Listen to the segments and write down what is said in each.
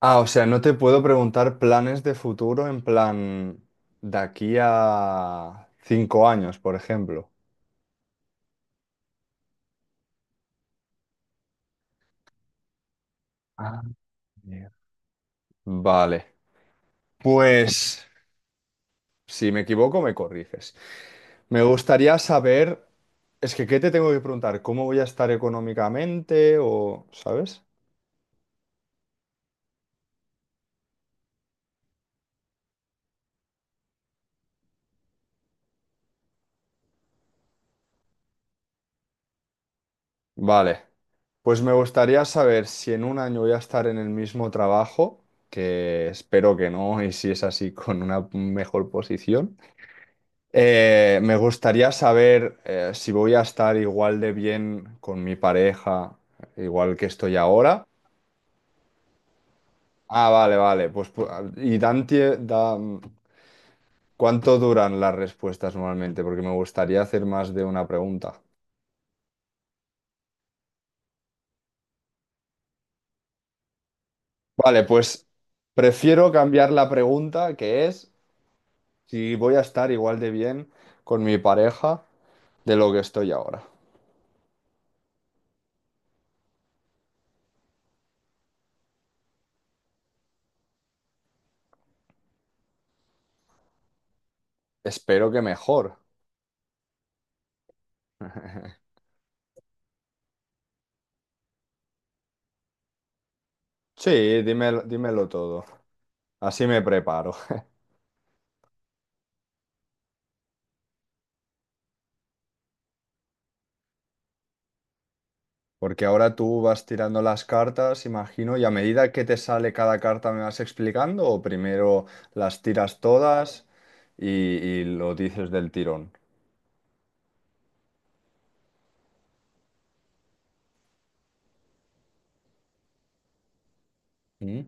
Ah, o sea, no te puedo preguntar planes de futuro en plan de aquí a 5 años, por ejemplo. Ah, mira. Vale. Pues, si me equivoco, me corriges. Me gustaría saber, es que, ¿qué te tengo que preguntar? ¿Cómo voy a estar económicamente o, ¿sabes? Vale. Pues me gustaría saber si en un año voy a estar en el mismo trabajo, que espero que no, y si es así, con una mejor posición. Me gustaría saber si voy a estar igual de bien con mi pareja, igual que estoy ahora. Ah, vale, vale. Pues, ¿cuánto duran las respuestas normalmente? Porque me gustaría hacer más de una pregunta. Vale, pues prefiero cambiar la pregunta, que es si voy a estar igual de bien con mi pareja de lo que estoy ahora. Espero que mejor. Sí, dímelo, dímelo todo. Así me preparo. Porque ahora tú vas tirando las cartas, imagino, y a medida que te sale cada carta me vas explicando, o primero las tiras todas y, y lo dices del tirón. Mm.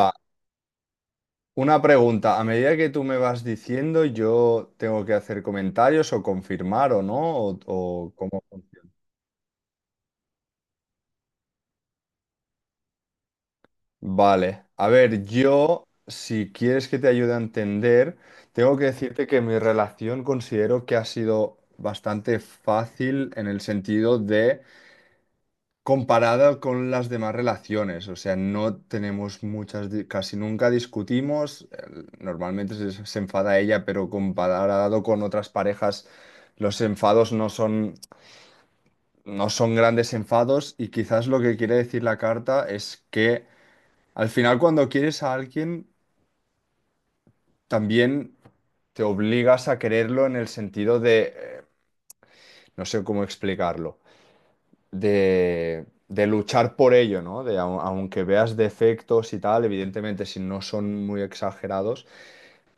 Va, una pregunta. A medida que tú me vas diciendo, yo tengo que hacer comentarios o confirmar o no, o cómo funciona. Vale, a ver, yo, si quieres que te ayude a entender, tengo que decirte que mi relación considero que ha sido bastante fácil en el sentido de comparada con las demás relaciones, o sea, no tenemos muchas, casi nunca discutimos, normalmente se enfada ella, pero comparado con otras parejas, los enfados no son grandes enfados y quizás lo que quiere decir la carta es que al final cuando quieres a alguien, también te obligas a quererlo en el sentido de, no sé cómo explicarlo, de luchar por ello, ¿no? De, aunque veas defectos y tal, evidentemente si no son muy exagerados,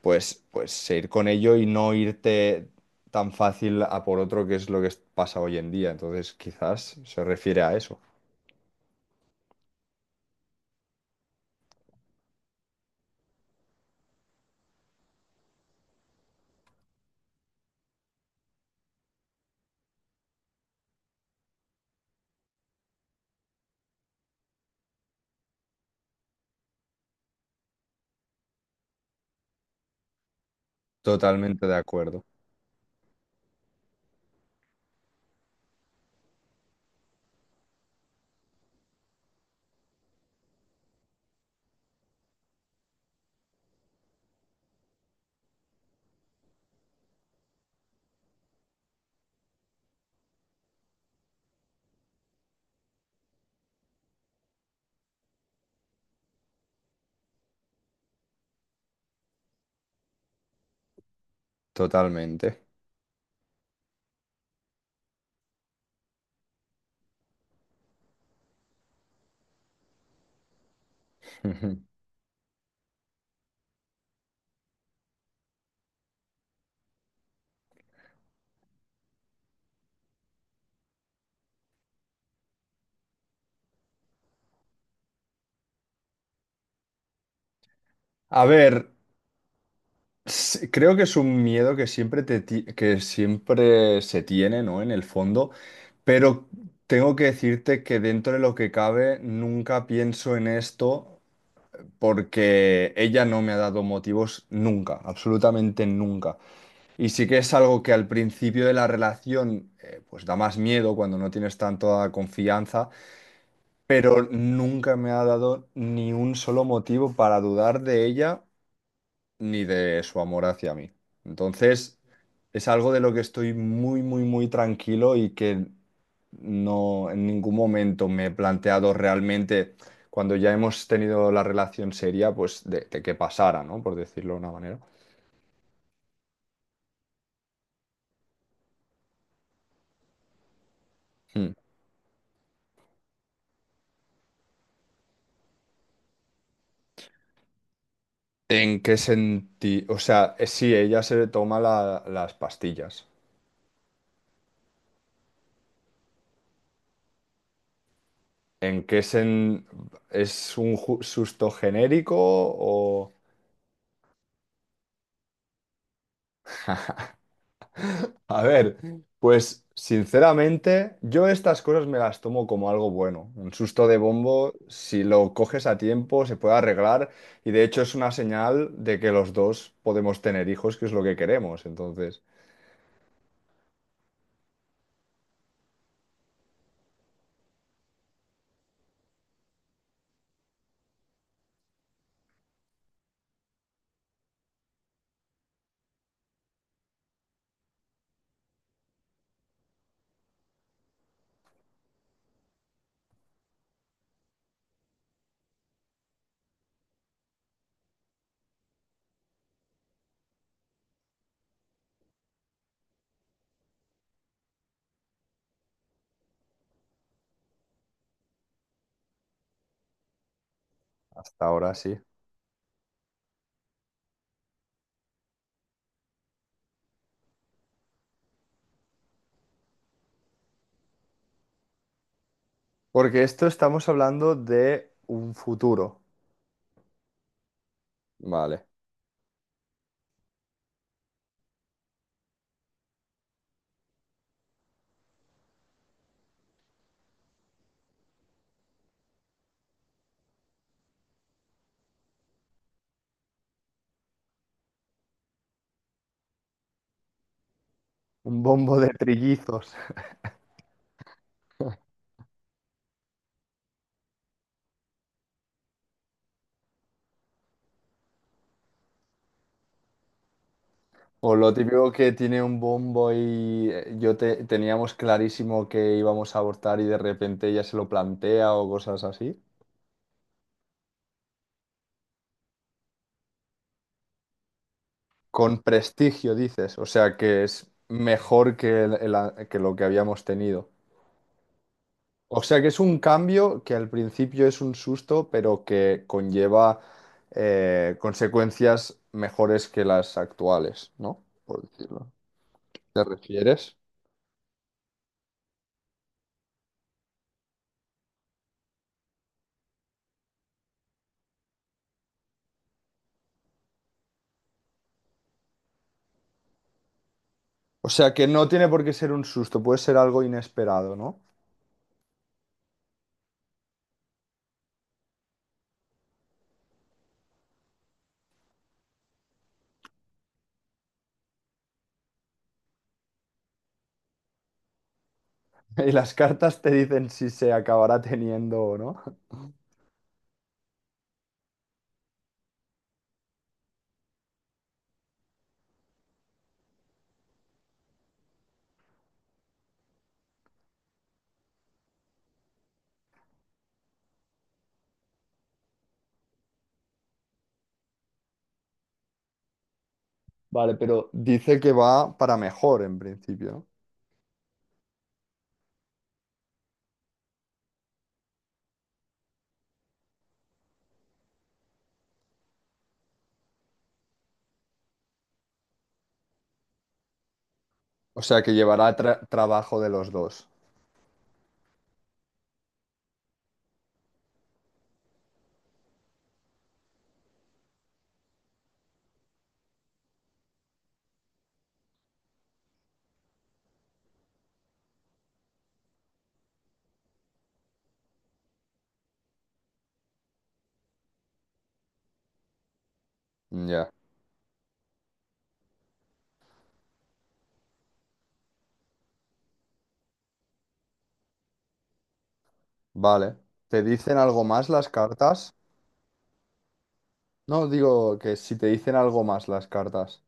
pues seguir con ello y no irte tan fácil a por otro, que es lo que pasa hoy en día. Entonces, quizás se refiere a eso. Totalmente de acuerdo. Totalmente. A ver. Sí, creo que es un miedo que siempre, que siempre se tiene, ¿no? En el fondo, pero tengo que decirte que dentro de lo que cabe nunca pienso en esto porque ella no me ha dado motivos nunca, absolutamente nunca. Y sí que es algo que al principio de la relación pues da más miedo cuando no tienes tanta confianza, pero nunca me ha dado ni un solo motivo para dudar de ella ni de su amor hacia mí. Entonces, es algo de lo que estoy muy, muy, muy tranquilo y que no en ningún momento me he planteado realmente, cuando ya hemos tenido la relación seria, pues de que pasara, ¿no? Por decirlo de una manera. Mm. ¿En qué sentido? O sea, sí, ella se toma las pastillas. ¿En qué sen- ¿Es un susto genérico o...? A ver, pues sinceramente, yo estas cosas me las tomo como algo bueno. Un susto de bombo, si lo coges a tiempo, se puede arreglar y de hecho es una señal de que los dos podemos tener hijos, que es lo que queremos. Entonces, hasta ahora sí. Porque esto estamos hablando de un futuro. Vale. Un bombo de trillizos. O lo típico que tiene un bombo y yo teníamos clarísimo que íbamos a abortar y de repente ella se lo plantea o cosas así. Con prestigio, dices, o sea que es mejor que, que lo que habíamos tenido. O sea que es un cambio que al principio es un susto, pero que conlleva consecuencias mejores que las actuales, ¿no? Por decirlo. ¿Te refieres? O sea que no tiene por qué ser un susto, puede ser algo inesperado, ¿no? Y las cartas te dicen si se acabará teniendo o no. Vale, pero dice que va para mejor en principio, ¿no? O sea que llevará trabajo de los dos. Ya, vale. ¿Te dicen algo más las cartas? No, digo que si te dicen algo más las cartas.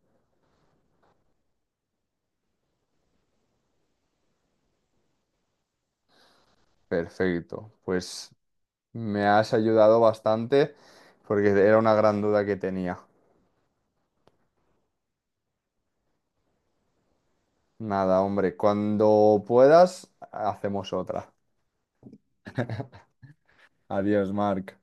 Perfecto. Pues me has ayudado bastante porque era una gran duda que tenía. Nada, hombre, cuando puedas, hacemos otra. Adiós, Marc.